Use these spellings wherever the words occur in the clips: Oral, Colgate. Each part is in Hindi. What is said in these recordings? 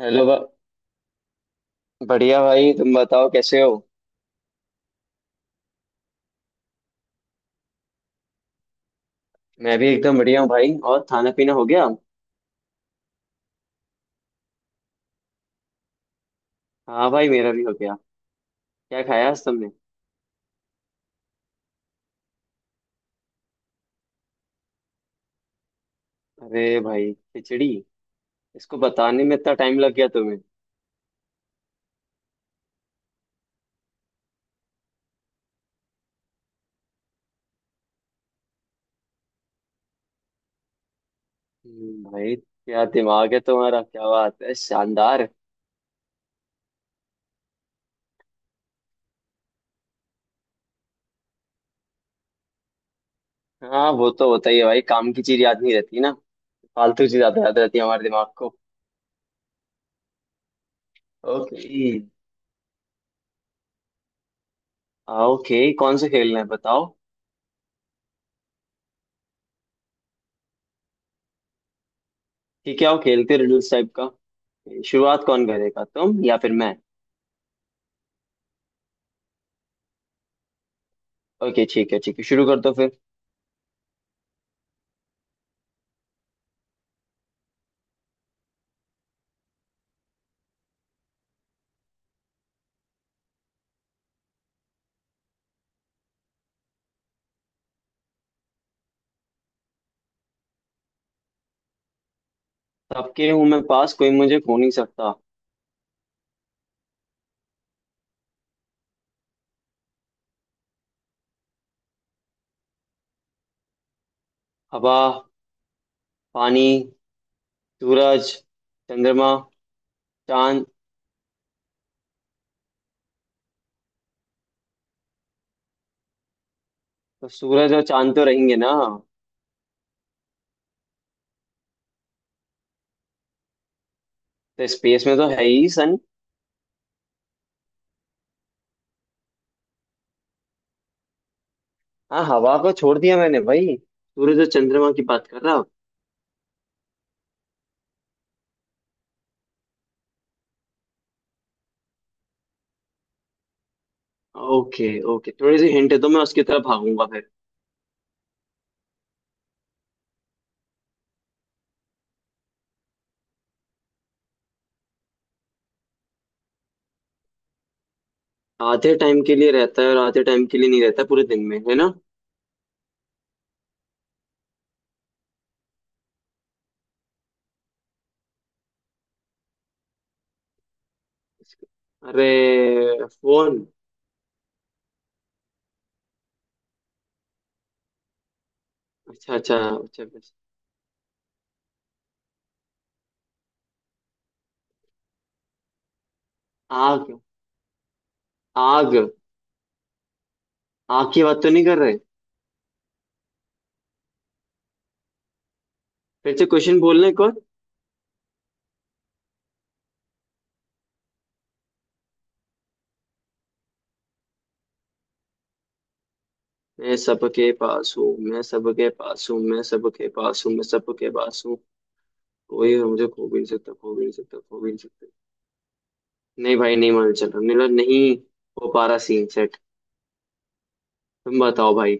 हेलो बा- बढ़िया भाई, तुम बताओ कैसे हो। मैं भी एकदम बढ़िया हूँ भाई। और खाना पीना हो गया? हाँ भाई, मेरा भी हो गया। क्या खाया आज तुमने? अरे भाई, खिचड़ी! इसको बताने में इतना टाइम लग गया तुम्हें? भाई क्या दिमाग है तुम्हारा, क्या बात है, शानदार। हाँ वो तो होता ही है भाई, काम की चीज याद नहीं रहती ना, फालतू चीज ज्यादा याद रहती है हमारे दिमाग को। ओके। हाँ, ओके कौन से खेलना है बताओ। ठीक है, आओ खेलते रिडल्स टाइप का। शुरुआत कौन करेगा, तुम या फिर मैं? ओके, ठीक है ठीक है, शुरू कर दो फिर। सबके हूं मैं पास, कोई मुझे खो नहीं सकता। हवा। पानी। सूरज। चंद्रमा। चांद। तो सूरज और चांद तो रहेंगे ना। तो स्पेस में तो है ही सन। हाँ हवा को छोड़ दिया मैंने भाई, सूरज और चंद्रमा की बात कर रहा हूं। ओके। ओके, थोड़ी सी हिंट दो, मैं उसकी तरफ भागूंगा फिर। आधे टाइम के लिए रहता है और आधे टाइम के लिए नहीं रहता पूरे दिन में, है ना? अरे, फोन। अच्छा अच्छा अच्छा, बस। आग। आग। आग की बात तो नहीं कर रहे? फिर से क्वेश्चन बोलने को। मैं सबके पास हूँ, मैं सबके पास हूँ, मैं सबके पास हूँ, मैं सबके पास हूँ। कोई मुझे खो भी नहीं सकता, खो भी नहीं सकता, खो भी नहीं सकता। नहीं भाई नहीं, मान चल रहा मेरा, नहीं हो पा रहा सीन सेट। तुम बताओ भाई।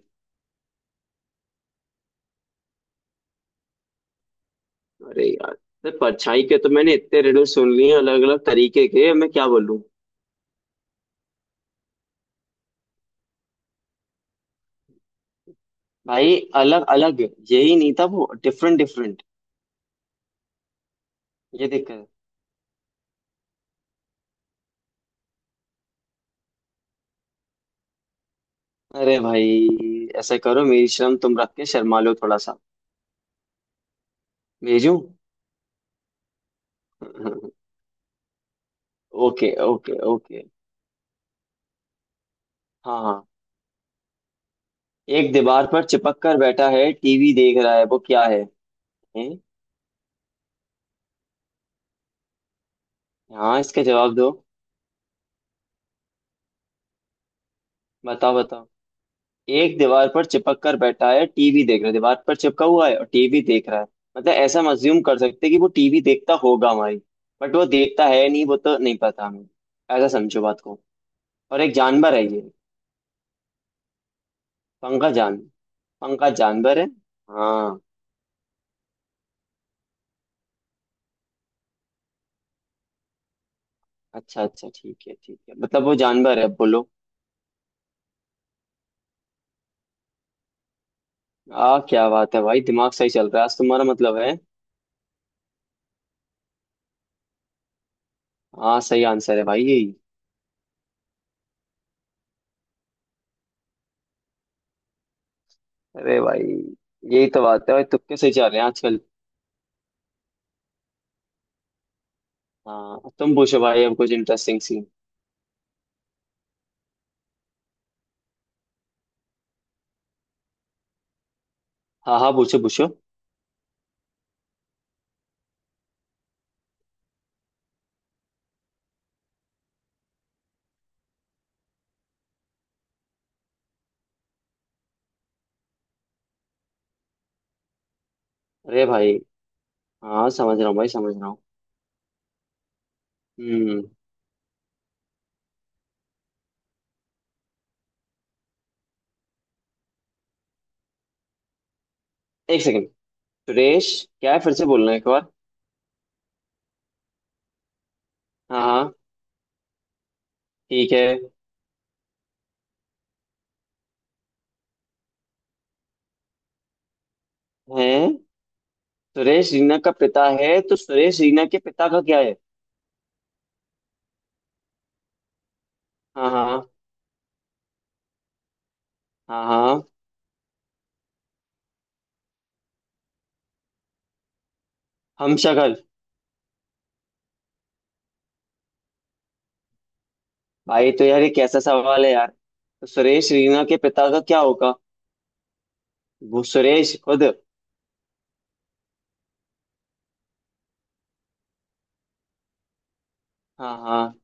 अरे यार, तो परछाई के तो मैंने इतने रिडल सुन लिए अलग अलग तरीके के, मैं क्या बोलूं। भाई अलग अलग, यही नहीं था वो, डिफरेंट डिफरेंट। ये दिक्कत है। अरे भाई ऐसा करो, मेरी शर्म तुम रख के शर्मा लो थोड़ा सा। भेजूं? Okay okay okay. हाँ हाँ, एक दीवार पर चिपक कर बैठा है, टीवी देख रहा है, वो क्या है? हैं? हाँ इसका जवाब दो। बताओ बताओ। एक दीवार पर चिपक कर बैठा है, टीवी देख रहा है, दीवार पर चिपका हुआ है और टीवी देख रहा है। मतलब ऐसा मज्यूम कर सकते हैं कि वो टीवी देखता होगा हमारी, बट वो देखता है नहीं, वो तो नहीं पता हमें। ऐसा समझो बात को। और एक जानवर है ये। पंखा जान, पंखा जानवर है। हाँ। अच्छा अच्छा, ठीक है ठीक है, मतलब वो जानवर है बोलो। आ, क्या बात है भाई, दिमाग सही चल रहा है आज तुम्हारा, मतलब है। हाँ सही आंसर है भाई, यही। अरे भाई, यही तो बात है भाई, तुक्के से जा रहे हैं आजकल। हाँ तुम पूछो भाई, अब कुछ इंटरेस्टिंग सीन। हाँ हाँ, पूछो पूछो। अरे भाई, हाँ समझ रहा हूँ भाई, समझ रहा हूँ। हम्म। एक सेकंड। सुरेश, क्या है फिर से बोलना एक बार। हाँ हाँ, ठीक है। हैं, सुरेश रीना का पिता है तो सुरेश रीना के पिता का क्या है? हाँ हाँ हाँ हाँ। हम, शक्ल। भाई तो यार ये कैसा सवाल है यार, तो सुरेश रीना के पिता का क्या होगा, वो सुरेश खुद। हाँ हाँ।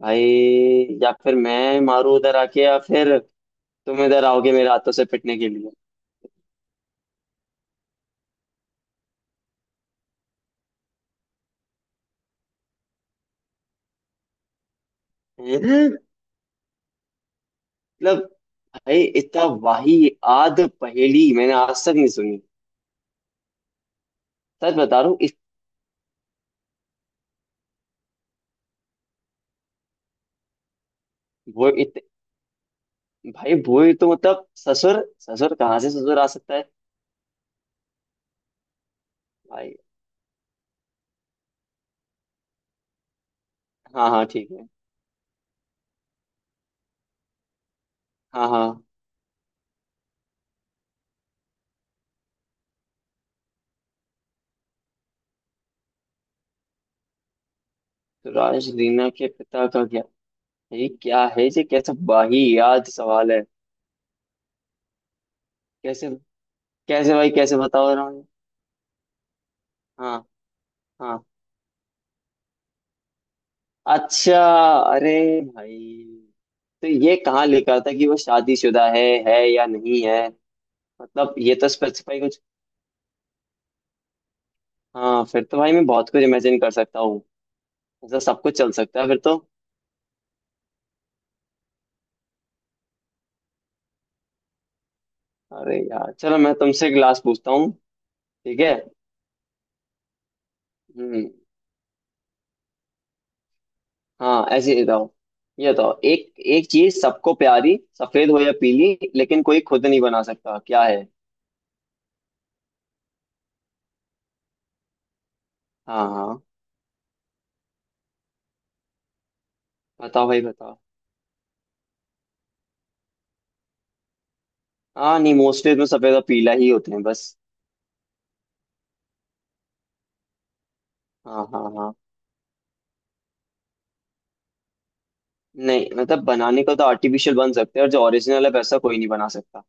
भाई, या फिर मैं मारू उधर आके, या फिर तुम इधर आओगे मेरे हाथों से पिटने के लिए। हैं? मतलब, भाई इतना वाही आद पहेली मैंने आज तक नहीं सुनी, सच बता रहा हूँ इस। वो इत, भाई वो ही तो मतलब, ससुर ससुर कहाँ से ससुर आ सकता है। भाई। हाँ हाँ, ठीक है। हाँ हाँ। तो राज रीना के पिता का क्या, ये क्या है, ये कैसा वाही याद सवाल है? कैसे, कैसे भाई, कैसे बताओ रहा हूँ। हाँ हाँ। अच्छा। अरे भाई, तो ये कहाँ लिखा था कि वो शादीशुदा है या नहीं है। मतलब ये तो स्पेसिफाई कुछ। हाँ फिर तो भाई मैं बहुत कुछ इमेजिन कर सकता हूँ, ऐसा सब कुछ चल सकता है फिर तो। अरे यार चलो, मैं तुमसे एक लास्ट पूछता हूँ, ठीक है। हम्म। हाँ ऐसे ही बताओ। ये बताओ, एक एक चीज सबको प्यारी, सफेद हो या पीली, लेकिन कोई खुद नहीं बना सकता, क्या है? हाँ हाँ, बताओ भाई बताओ। हाँ नहीं, मोस्टली तो सफेद और पीला ही होते हैं बस। हाँ हाँ हाँ। नहीं मतलब बनाने को तो आर्टिफिशियल बन सकते हैं, और जो ओरिजिनल है वैसा कोई नहीं बना सकता।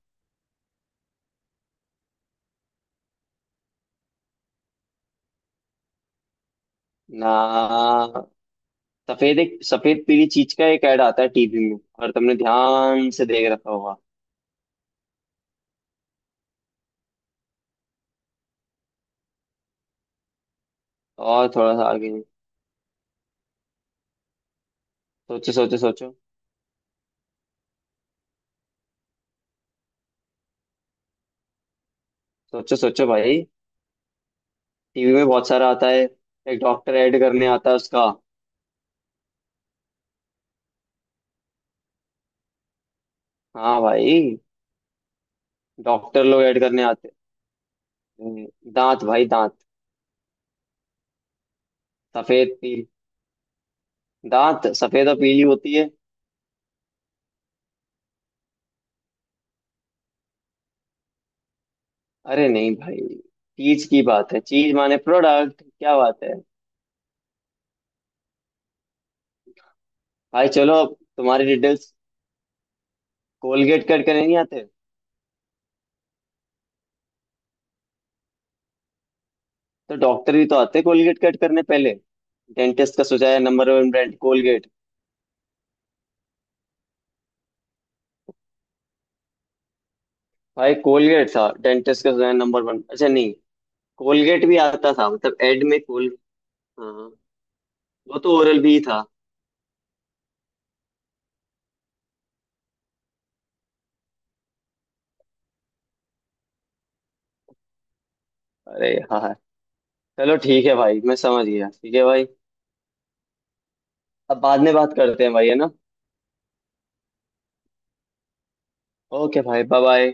ना, सफेद, एक सफेद पीली चीज का एक ऐड आता है टीवी में, और तुमने ध्यान से देख रखा होगा। और थोड़ा सा आगे सोचो सोचो सोचो। सोचो सोचो भाई, टीवी में बहुत सारा आता है। एक डॉक्टर ऐड करने आता है उसका। हाँ भाई, डॉक्टर लोग ऐड करने आते हैं। दांत भाई दांत। सफेद पील, दांत सफेद और पीली होती है। अरे नहीं भाई, चीज की बात है, चीज माने प्रोडक्ट, क्या बात है। भाई चलो अब तुम्हारी डिटेल्स, कोलगेट कट करने नहीं आते? तो डॉक्टर भी तो आते कोलगेट कट करने पहले, डेंटिस्ट का सुझाया नंबर वन ब्रांड कोलगेट। भाई कोलगेट था, डेंटिस्ट का सुझाया नंबर वन, अच्छा नहीं, कोलगेट भी आता था, मतलब एड में कोल। हाँ वो तो ओरल भी था। अरे हाँ। चलो ठीक है भाई, मैं समझ गया, ठीक है भाई। अब बाद में बात करते हैं भाई, है ना। ओके भाई, बाय बाय।